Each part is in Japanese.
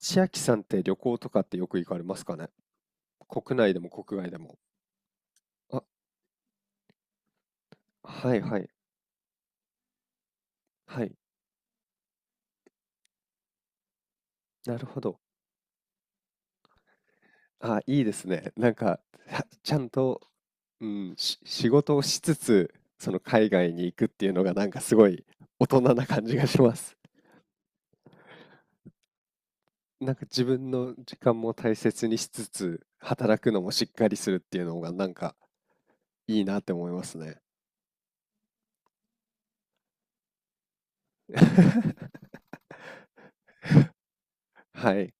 千秋さんって旅行とかってよく行かれますかね、国内でも国外でも？あ、はいはいはい。なるほど。あ、いいですね。なんか、はちゃんと、うん、仕事をしつつ、その海外に行くっていうのがなんかすごい大人な感じがします。なんか自分の時間も大切にしつつ、働くのもしっかりするっていうのがなんかいいなって思いますね。はい。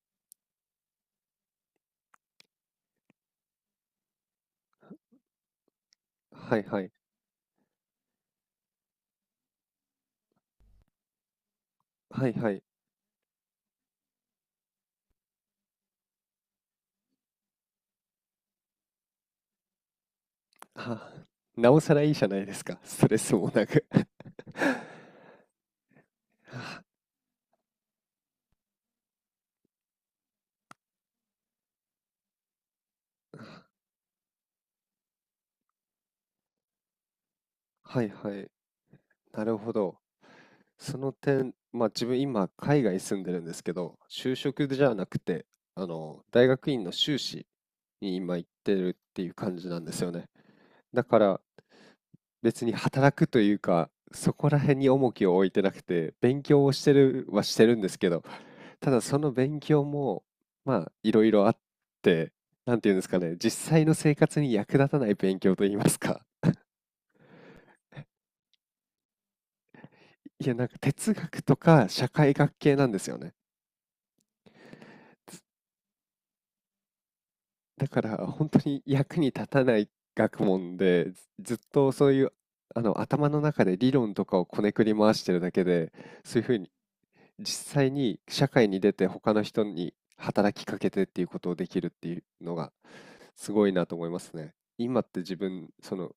はいはい。はいはい。はあ、なおさらいいじゃないですか。ストレスもなく。はいはい。なるほど。その点、まあ自分今海外住んでるんですけど、就職じゃなくて、大学院の修士に今行ってるっていう感じなんですよね。だから別に働くというか、そこら辺に重きを置いてなくて、勉強をしてるはしてるんですけど、ただその勉強も、まあいろいろあって、なんていうんですかね、実際の生活に役立たない勉強といいますか、いや、なんか哲学とか社会学系なんですよね。つだから本当に役に立たない学問で、ずっとそういうあの頭の中で理論とかをこねくり回してるだけで、そういうふうに実際に社会に出て他の人に働きかけてっていうことをできるっていうのがすごいなと思いますね。今って自分、その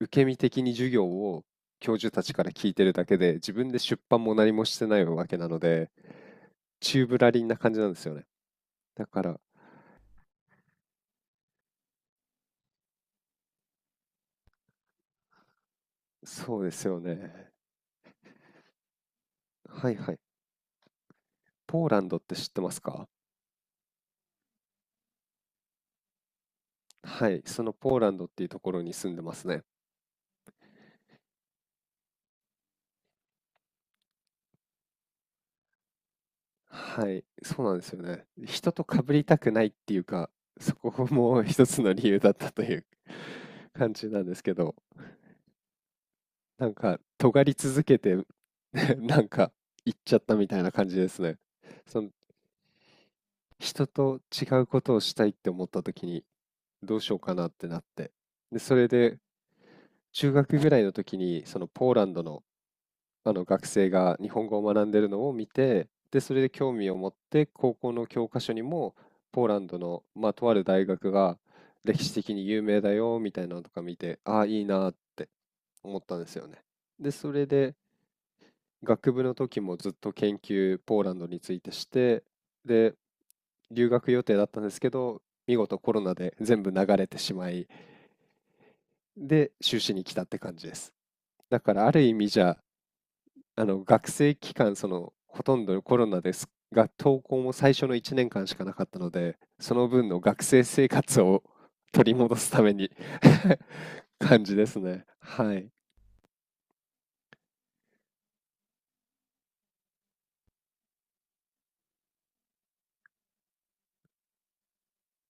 受け身的に授業を教授たちから聞いてるだけで、自分で出版も何もしてないわけなので、宙ぶらりんな感じなんですよね。だから、そうですよね。はいはい。ポーランドって知ってますか？はい。そのポーランドっていうところに住んでますね。はい。そうなんですよね。人と被りたくないっていうか、そこも 一つの理由だったという 感じなんですけど、なんか、尖り続けて なんか、行っちゃったみたいな感じですね。その、人と違うことをしたいって思った時に、どうしようかなってなって。で、それで中学ぐらいの時にそのポーランドの、あの学生が日本語を学んでるのを見て、で、それで興味を持って高校の教科書にもポーランドの、まあ、とある大学が歴史的に有名だよみたいなのとか見て、ああ、いいなーって思ったんですよね。で、それで学部の時もずっと研究ポーランドについてして、で、留学予定だったんですけど、見事コロナで全部流れてしまい、で、修士に来たって感じです。だからある意味じゃあの学生期間、そのほとんどコロナですが、登校も最初の1年間しかなかったので、その分の学生生活を 取り戻すために 感じですね。はい。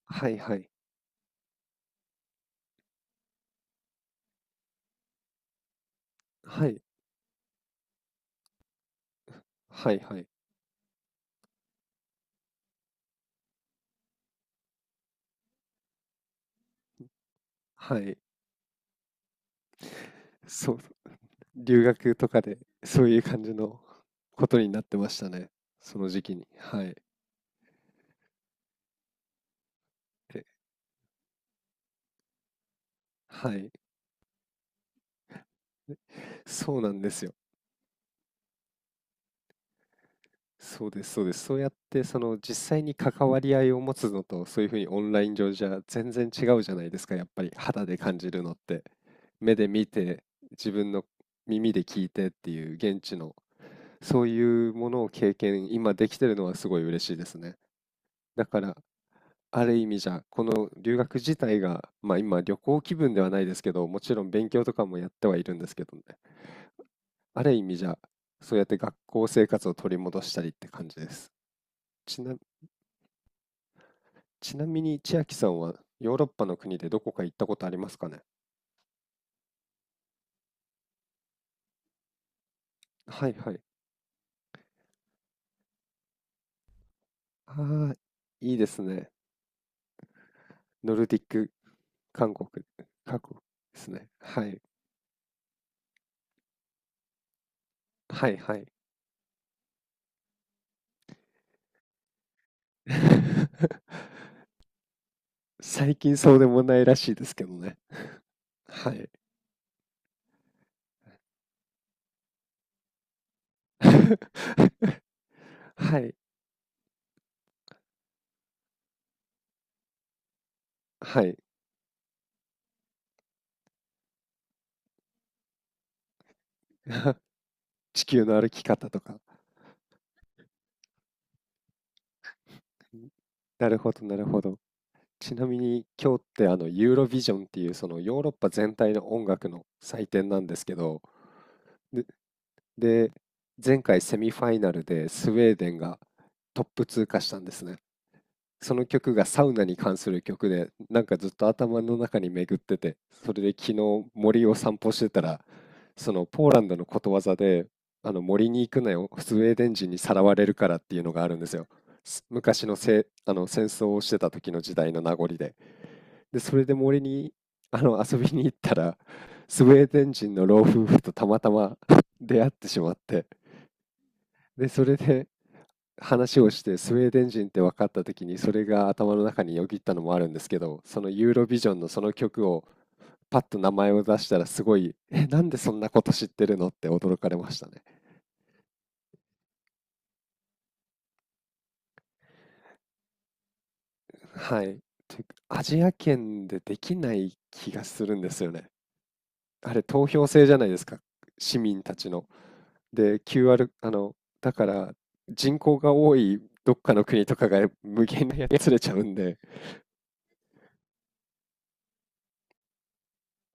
はいはい。はい。はいはい。はい。そう、留学とかで、そういう感じのことになってましたね。その時期に。はい。えはい。そうなんですよ。そうです、そうです。そうやって、その実際に関わり合いを持つのと、そういうふうにオンライン上じゃ全然違うじゃないですか、やっぱり肌で感じるのって。目で見て、自分の耳で聞いてっていう現地の、そういうものを経験、今できてるのはすごい嬉しいですね。だから、ある意味じゃ、この留学自体が、まあ今旅行気分ではないですけど、もちろん勉強とかもやってはいるんですけどね。ある意味じゃ、そうやって学校生活を取り戻したりって感じです。ちなちなみに千秋さんはヨーロッパの国でどこか行ったことありますかね？はいはい。ああ、いいですね。ノルディック、韓国、韓国ですね。はい。はいはい。最近そうでもないらしいですけどね。はい。はい。はい。地球の歩き方とか。なるほど、なるほど。ちなみに今日ってあのユーロビジョンっていうそのヨーロッパ全体の音楽の祭典なんですけど、で、前回セミファイナルでスウェーデンがトップ通過したんですね。その曲がサウナに関する曲で、なんかずっと頭の中に巡ってて、それで昨日森を散歩してたら、そのポーランドのことわざで、あの森に行くなよ、スウェーデン人にさらわれるからっていうのがあるんですよ。昔の、あの戦争をしてた時の時代の名残で。で、それで森にあの遊びに行ったら、スウェーデン人の老夫婦とたまたま 出会ってしまって、で、それで話をしてスウェーデン人って分かった時にそれが頭の中によぎったのもあるんですけど、そのユーロビジョンのその曲をパッと名前を出したらすごい、え、なんでそんなこと知ってるのって驚かれましたね。はい。というかアジア圏でできない気がするんですよね。あれ投票制じゃないですか、市民たちの。で、QR、だから人口が多いどっかの国とかが無限にやつれちゃうんで、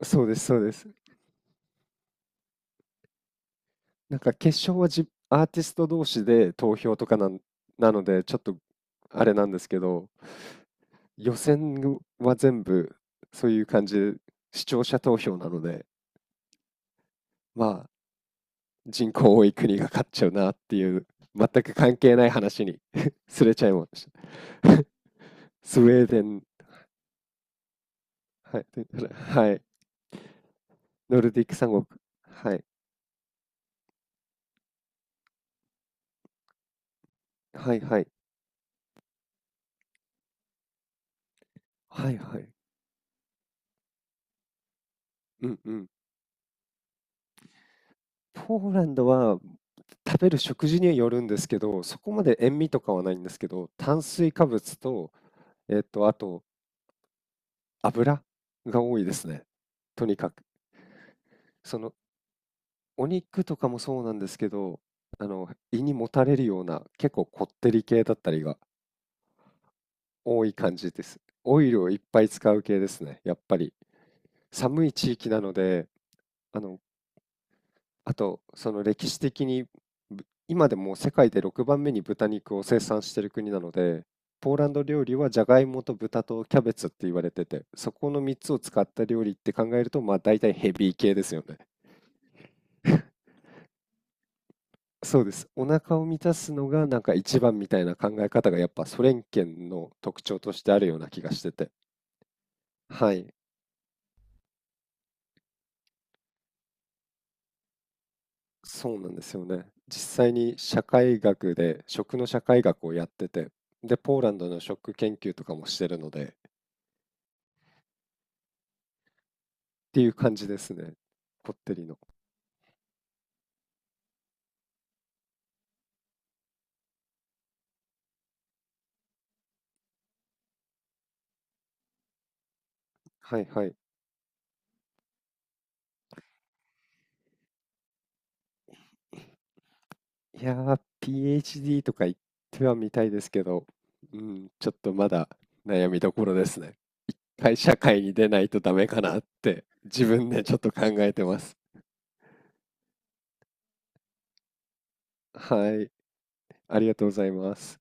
そうです、そうです。なんか決勝はアーティスト同士で投票とかなので、ちょっとあれなんですけど、予選は全部そういう感じで視聴者投票なので、まあ人口多い国が勝っちゃうなっていう、全く関係ない話に すれちゃいました。スウェーデン、はい、はい、ノルディック三国、はい、はい、はい、はい、はい、うん、うん。ポーランドは食べる食事によるんですけど、そこまで塩味とかはないんですけど、炭水化物と、あと油が多いですね。とにかく。そのお肉とかもそうなんですけど、あの胃にもたれるような結構こってり系だったりが多い感じです。オイルをいっぱい使う系ですね。やっぱり寒い地域なので、あのあと、その歴史的に今でも世界で6番目に豚肉を生産している国なので、ポーランド料理はじゃがいもと豚とキャベツって言われてて、そこの3つを使った料理って考えると、まあ大体ヘビー系ですよね。そうです。お腹を満たすのがなんか一番みたいな考え方がやっぱソ連圏の特徴としてあるような気がしてて。はい。そうなんですよね。実際に社会学で食の社会学をやってて、で、ポーランドの食研究とかもしてるので、ていう感じですね。こってりの。はいはい。いやー、PhD とか言ってはみたいですけど、うん、ちょっとまだ悩みどころですね。社会に出ないとダメかなって自分でちょっと考えてます。はい、ありがとうございます。